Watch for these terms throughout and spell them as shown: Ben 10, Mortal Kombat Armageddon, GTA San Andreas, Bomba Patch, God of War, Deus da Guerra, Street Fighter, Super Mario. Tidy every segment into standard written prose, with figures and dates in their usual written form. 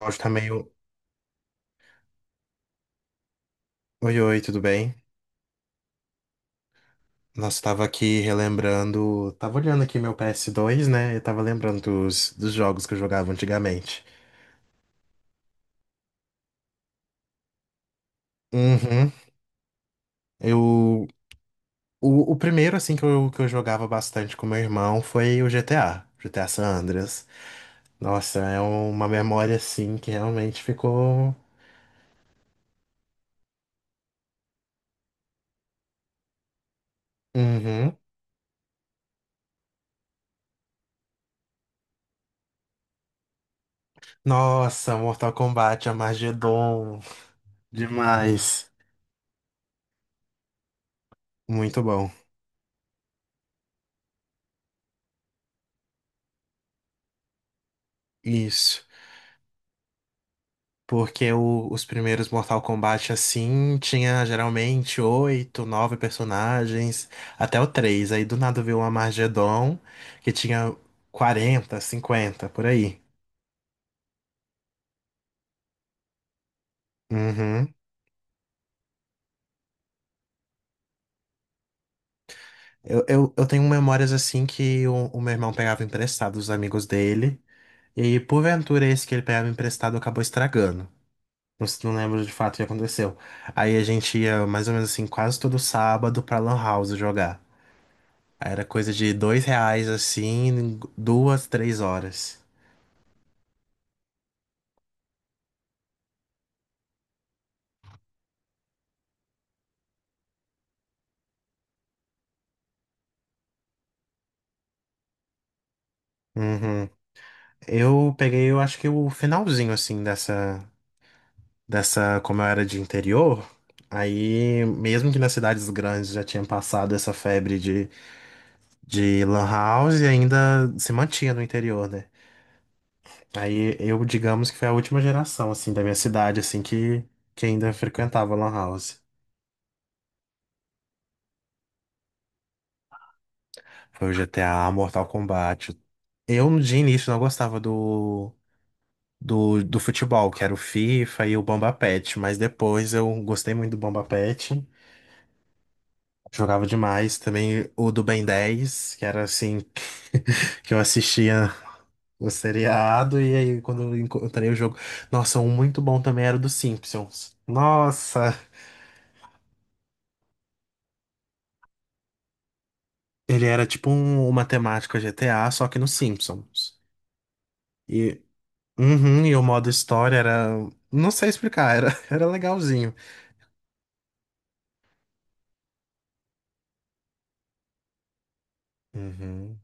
O áudio tá meio. Oi, oi, tudo bem? Nossa, tava aqui relembrando. Tava olhando aqui meu PS2, né? Eu tava lembrando dos jogos que eu jogava antigamente. Uhum. Eu. O primeiro, assim, que eu jogava bastante com meu irmão foi o GTA, GTA San Andreas. Nossa, é uma memória, assim, que realmente ficou. Uhum. Nossa, Mortal Kombat, Armageddon. Demais. Muito bom. Isso. Porque o- os primeiros Mortal Kombat, assim, tinha geralmente 8, 9 personagens, até o três. Aí do nada veio uma Armageddon, que tinha 40, 50 por aí. Uhum. Eu tenho memórias, assim, que o meu irmão pegava emprestado dos amigos dele. E porventura esse que ele pegava emprestado acabou estragando. Não, não lembro de fato o que aconteceu. Aí a gente ia mais ou menos assim, quase todo sábado pra Lan House jogar. Era coisa de 2 reais assim, em 2, 3 horas. Uhum. Eu peguei, eu acho que o finalzinho assim dessa, como eu era de interior. Aí, mesmo que nas cidades grandes já tinha passado essa febre de lan house, e ainda se mantinha no interior, né? Aí eu, digamos que foi a última geração assim da minha cidade que ainda frequentava lan house. Foi o G T a Mortal Kombat. Eu no dia início não gostava do futebol, que era o FIFA e o Bomba Patch, mas depois eu gostei muito do Bomba Patch, jogava demais. Também o do Ben 10, que era assim, que eu assistia o seriado, e aí quando eu encontrei o jogo. Nossa, um muito bom também era o dos Simpsons. Nossa, ele era tipo uma temática GTA, só que nos Simpsons. E, uhum, e o modo história era. Não sei explicar, era, era legalzinho. Uhum,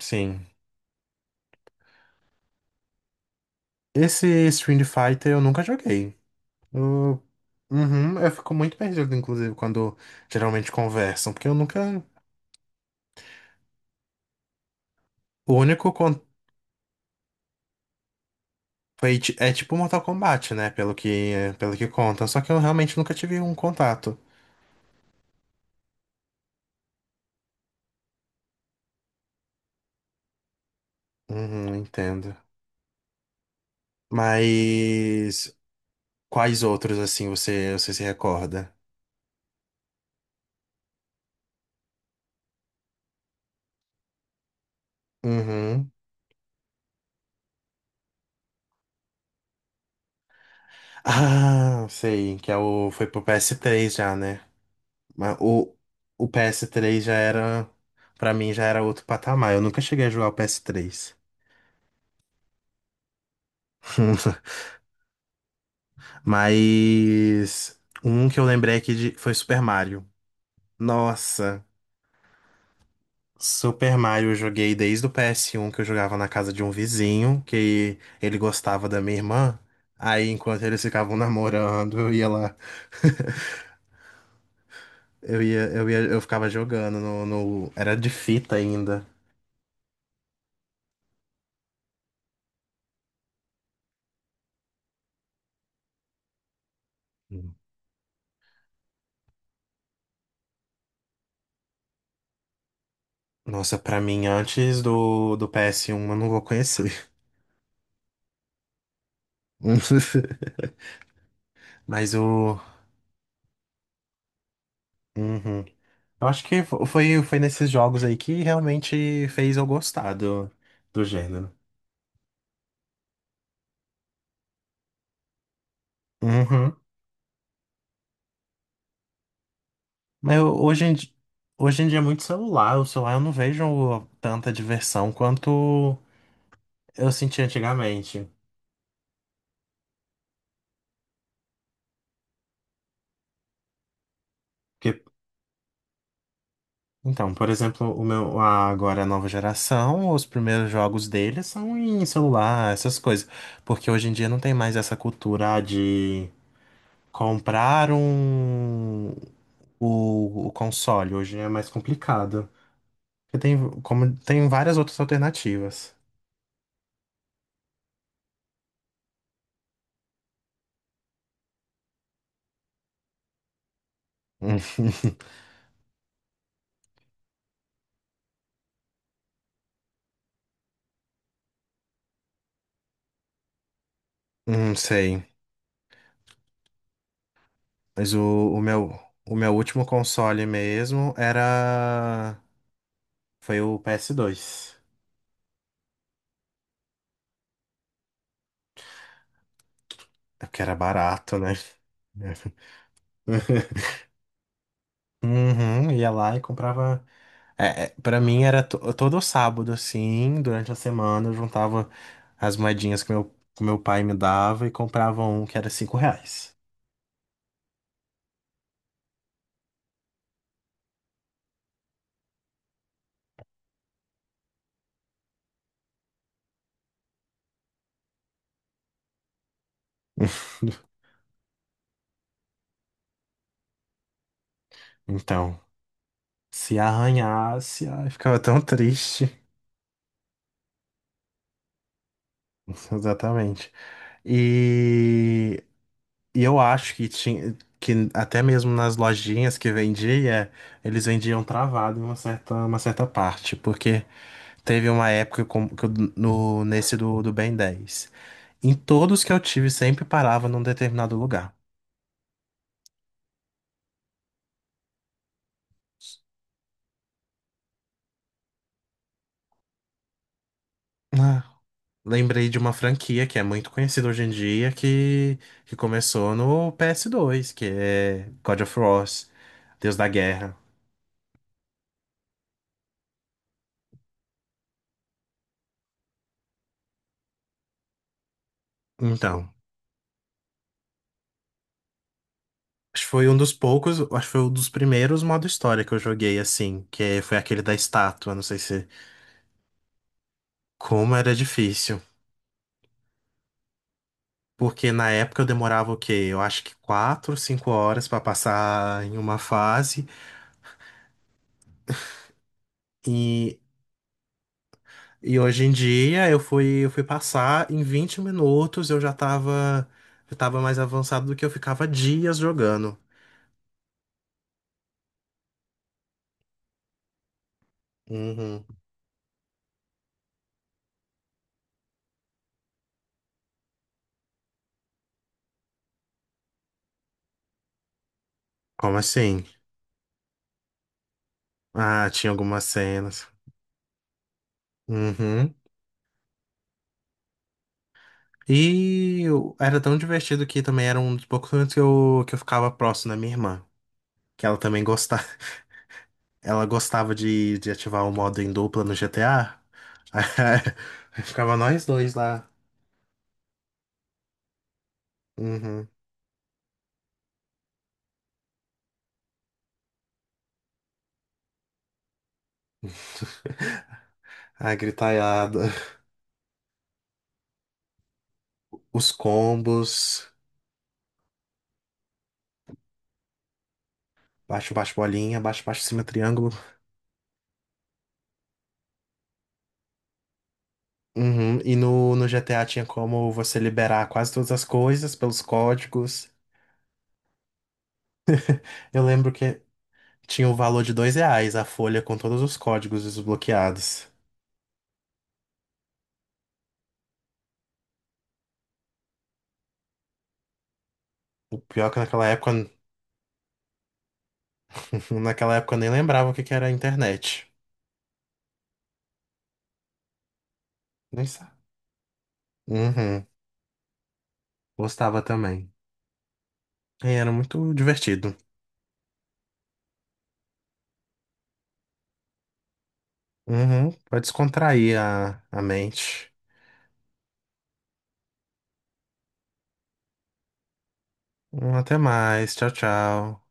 sim. Esse Street Fighter eu nunca joguei. Eu, uhum, eu fico muito perdido, inclusive, quando geralmente conversam, porque eu nunca. O único contato é tipo Mortal Kombat, né? Pelo que conta. Só que eu realmente nunca tive um contato. Uhum, entendo. Mas quais outros assim você se recorda? Uhum. Ah, sei, que é o foi pro PS3, já, né? Mas o PS3 já era, pra mim, já era outro patamar. Eu nunca cheguei a jogar o PS3. Mas um que eu lembrei aqui de, foi Super Mario. Nossa, Super Mario eu joguei desde o PS1, que eu jogava na casa de um vizinho, que ele gostava da minha irmã. Aí, enquanto eles ficavam namorando, eu ia lá. Eu ficava jogando Era de fita ainda. Nossa, pra mim, antes do PS1 eu não vou conhecer. Mas o. Uhum. Eu acho que foi nesses jogos aí que realmente fez eu gostar do gênero. Uhum. Mas eu- hoje em, di- Hoje em dia é muito celular. O celular eu não vejo tanta diversão quanto eu senti antigamente. Então, por exemplo, agora a nova geração, os primeiros jogos deles são em celular, essas coisas, porque hoje em dia não tem mais essa cultura ah, de comprar um o console, hoje é mais complicado. Porque tem como tem várias outras alternativas. Hum, não sei, mas o meu o meu último console mesmo era foi o PS2, porque era barato, né? Uhum, ia lá e comprava. Para mim era todo sábado, assim, durante a semana eu juntava as moedinhas que meu pai me dava e comprava um que era 5 reais. Então, se arranhasse, ai, ficava tão triste. Exatamente. E, e eu acho que tinha que até mesmo nas lojinhas que vendia, eles vendiam travado em uma certa parte, porque teve uma época no, nesse do Ben 10 em todos que eu tive, sempre parava num determinado lugar. Ah, lembrei de uma franquia que é muito conhecida hoje em dia, que começou no PS2, que é God of War, Deus da Guerra. Então, acho que foi um dos poucos, acho que foi um dos primeiros modo história que eu joguei assim, que foi aquele da estátua, não sei se... Como era difícil. Porque na época eu demorava o quê? Eu acho que 4, 5 horas para passar em uma fase. E, e hoje em dia eu fui passar em 20 minutos, eu já tava, eu tava mais avançado do que eu ficava dias jogando. Uhum. Como assim? Ah, tinha algumas cenas. Uhum. Era tão divertido que também era um dos poucos momentos que eu ficava próximo da minha irmã, que ela também gostava. Ela gostava de ativar o modo em dupla no GTA. Aí ficava nós dois lá. Uhum. A gritaiada. Os combos. Baixo, baixo, bolinha. Baixo, baixo, cima, triângulo. Uhum. E no GTA tinha como você liberar quase todas as coisas pelos códigos. Eu lembro que tinha o valor de 2 reais a folha com todos os códigos desbloqueados. O pior é que naquela época, naquela época eu nem lembrava o que que era a internet. Nem sabe. Uhum. Gostava também. E era muito divertido. Uhum, pra descontrair a mente. Até mais. Tchau, tchau.